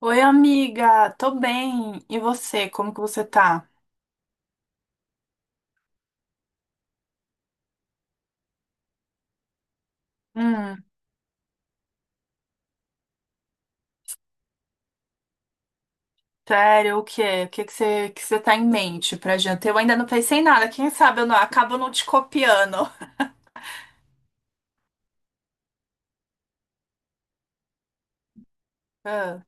Oi, amiga, tô bem. E você, como que você tá? Hum. Sério, o quê? O que que você tá em mente pra gente? Eu ainda não pensei em nada, quem sabe eu não, acabo não te copiando. Ah,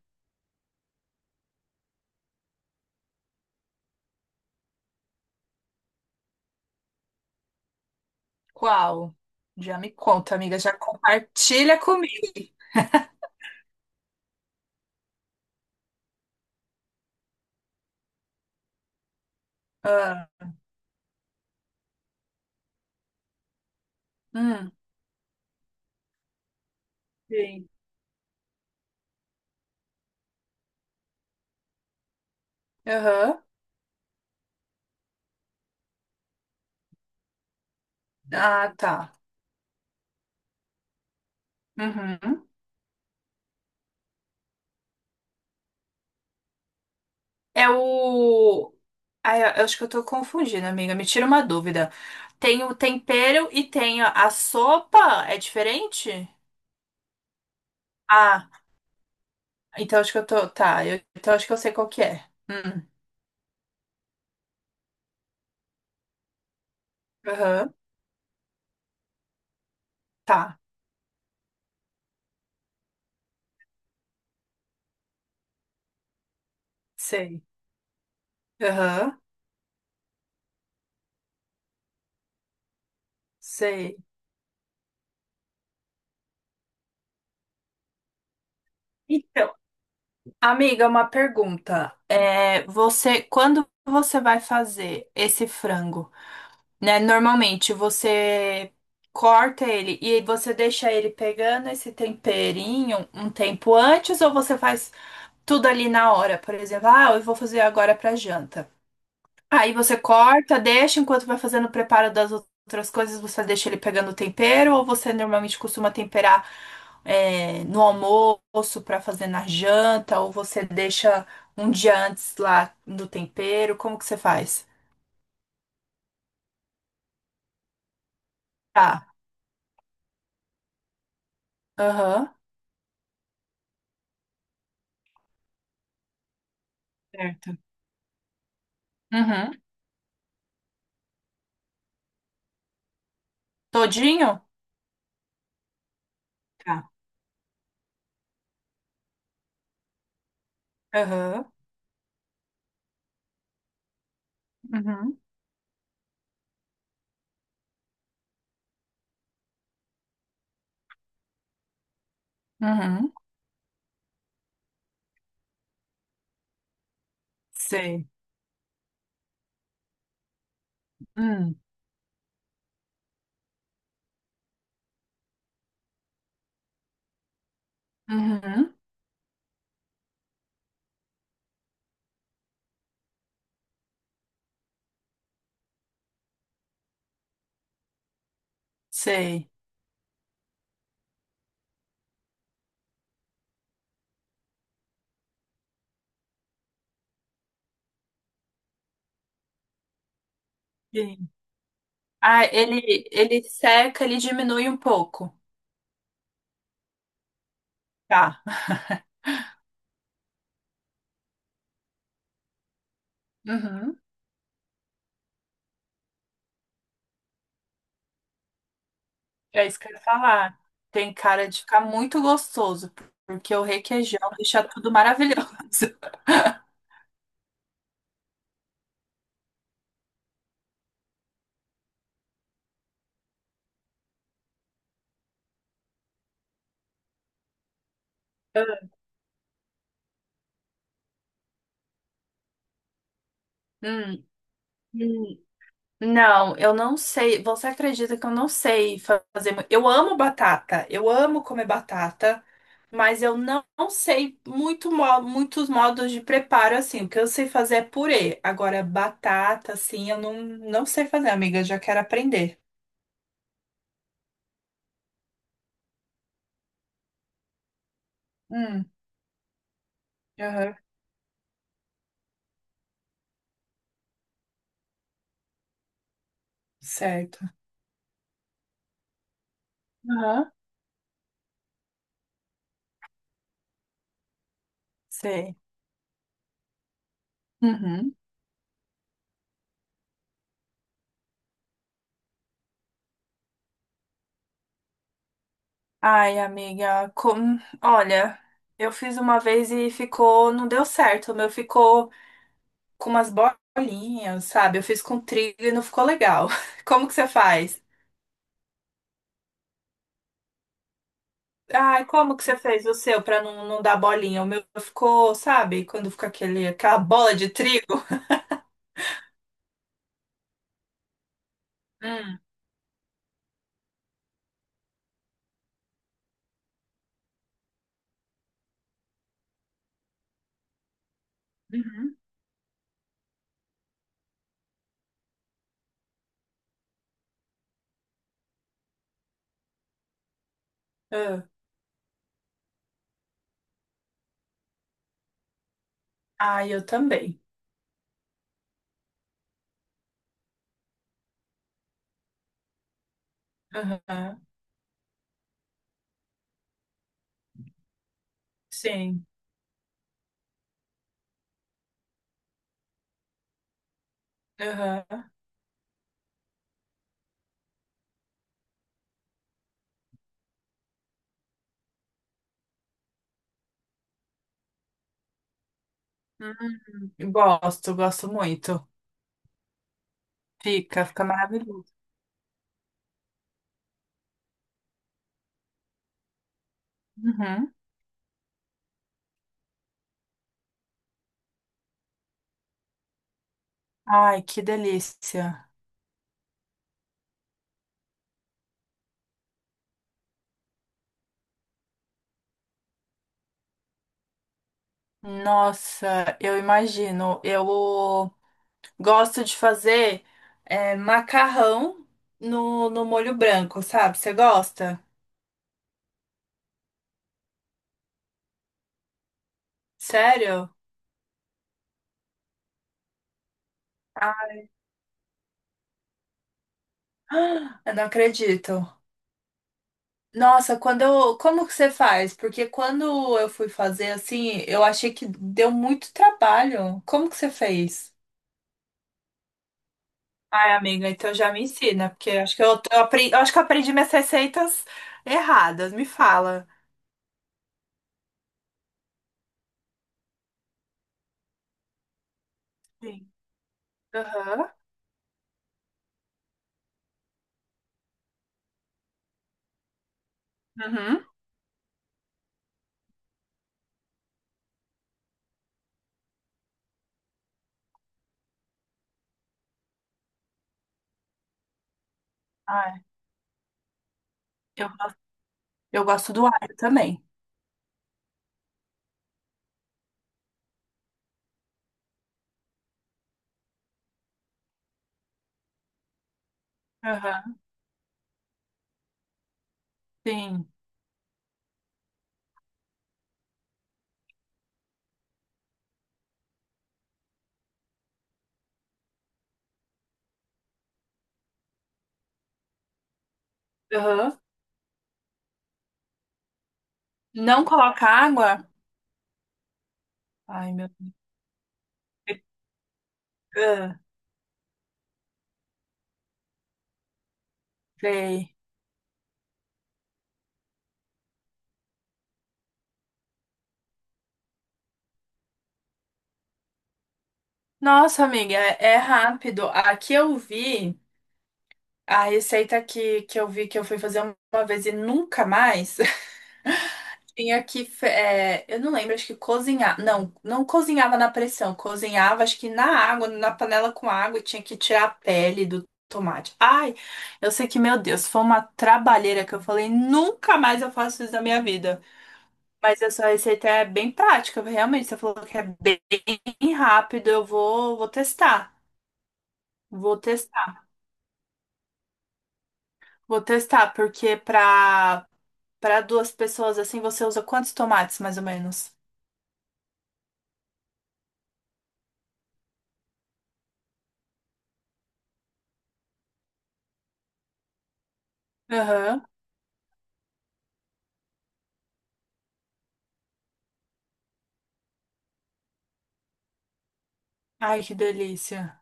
qual? Já me conta, amiga, já compartilha comigo. Ah. Hum. Sim. Aham. Ah, tá. Uhum. É o... Ah, eu acho que eu tô confundindo, amiga, me tira uma dúvida. Tem o tempero e tem a sopa, é diferente? Ah. Então acho que eu tô. Tá, então acho que eu sei qual que é. Hum. Aham. Tá, sei. Aham, sei. Então, amiga, uma pergunta. É, quando você vai fazer esse frango, né? Normalmente você corta ele e você deixa ele pegando esse temperinho um tempo antes ou você faz tudo ali na hora? Por exemplo, ah, eu vou fazer agora pra janta. Aí você corta, deixa enquanto vai fazendo o preparo das outras coisas, você deixa ele pegando o tempero, ou você normalmente costuma temperar no almoço para fazer na janta, ou você deixa um dia antes lá no tempero, como que você faz? Tá. Aham. Certo. Uhum. Todinho? Tá. Aham. Uhum. Uhum. Sei. Hum. Uhum. Sei. E Ah, ele seca, ele diminui um pouco. Tá. Uhum. É isso que eu ia falar. Tem cara de ficar muito gostoso, porque o requeijão deixa tudo maravilhoso. Hum. Hum. Não, eu não sei. Você acredita que eu não sei fazer? Eu amo batata, eu amo comer batata, mas eu não sei muito, muitos modos de preparo assim. O que eu sei fazer é purê. Agora, batata, assim, eu não sei fazer, amiga. Eu já quero aprender. Hum. Aham. Certo. Aham. Sei. Uhum. Ai, amiga, olha, eu fiz uma vez e ficou, não deu certo. O meu ficou com umas bolinhas, sabe? Eu fiz com trigo e não ficou legal. Como que você faz? Ai, como que você fez o seu pra não dar bolinha? O meu ficou, sabe? Quando fica aquela bola de trigo. Hum. Uhum. Ah. Ai, eu também. Aham. Sim. Aham. Hum. Gosto, gosto muito. Fica, fica maravilhoso. Uhum. Ai, que delícia. Nossa, eu imagino. Eu gosto de fazer macarrão no molho branco, sabe? Você gosta? Sério? Ah, eu não acredito. Nossa, como que você faz? Porque quando eu fui fazer assim, eu achei que deu muito trabalho. Como que você fez? Ai, amiga, então já me ensina, porque acho que eu aprendi minhas receitas erradas. Me fala. Sim. Aham. Uhum. Ai, eu Eu gosto do alho também. Aham, sim. Aham. Não coloca água? Ai, meu Deus. Ah, sei. Nossa, amiga, é rápido. Aqui eu vi a receita que eu vi que eu fui fazer uma vez e nunca mais. Tinha que eu não lembro, acho que cozinhar. Não, não cozinhava na pressão. Cozinhava, acho que na água, na panela com água, e tinha que tirar a pele do tomate. Ai, eu sei que, meu Deus, foi uma trabalheira que eu falei, nunca mais eu faço isso na minha vida. Mas essa receita é bem prática, realmente. Você falou que é bem rápido. Eu vou testar. Vou testar. Vou testar, porque para duas pessoas assim, você usa quantos tomates, mais ou menos? Aham. Ai, que delícia.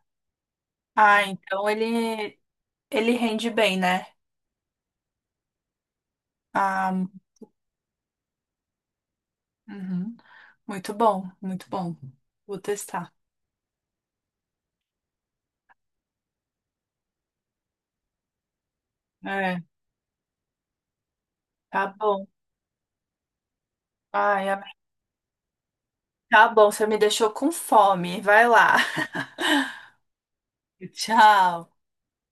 Ah, então ele rende bem, né? Ah, uhum. Muito bom, muito bom. Vou testar. É, tá bom. Ai, amém. Tá bom, você me deixou com fome. Vai lá. Tchau.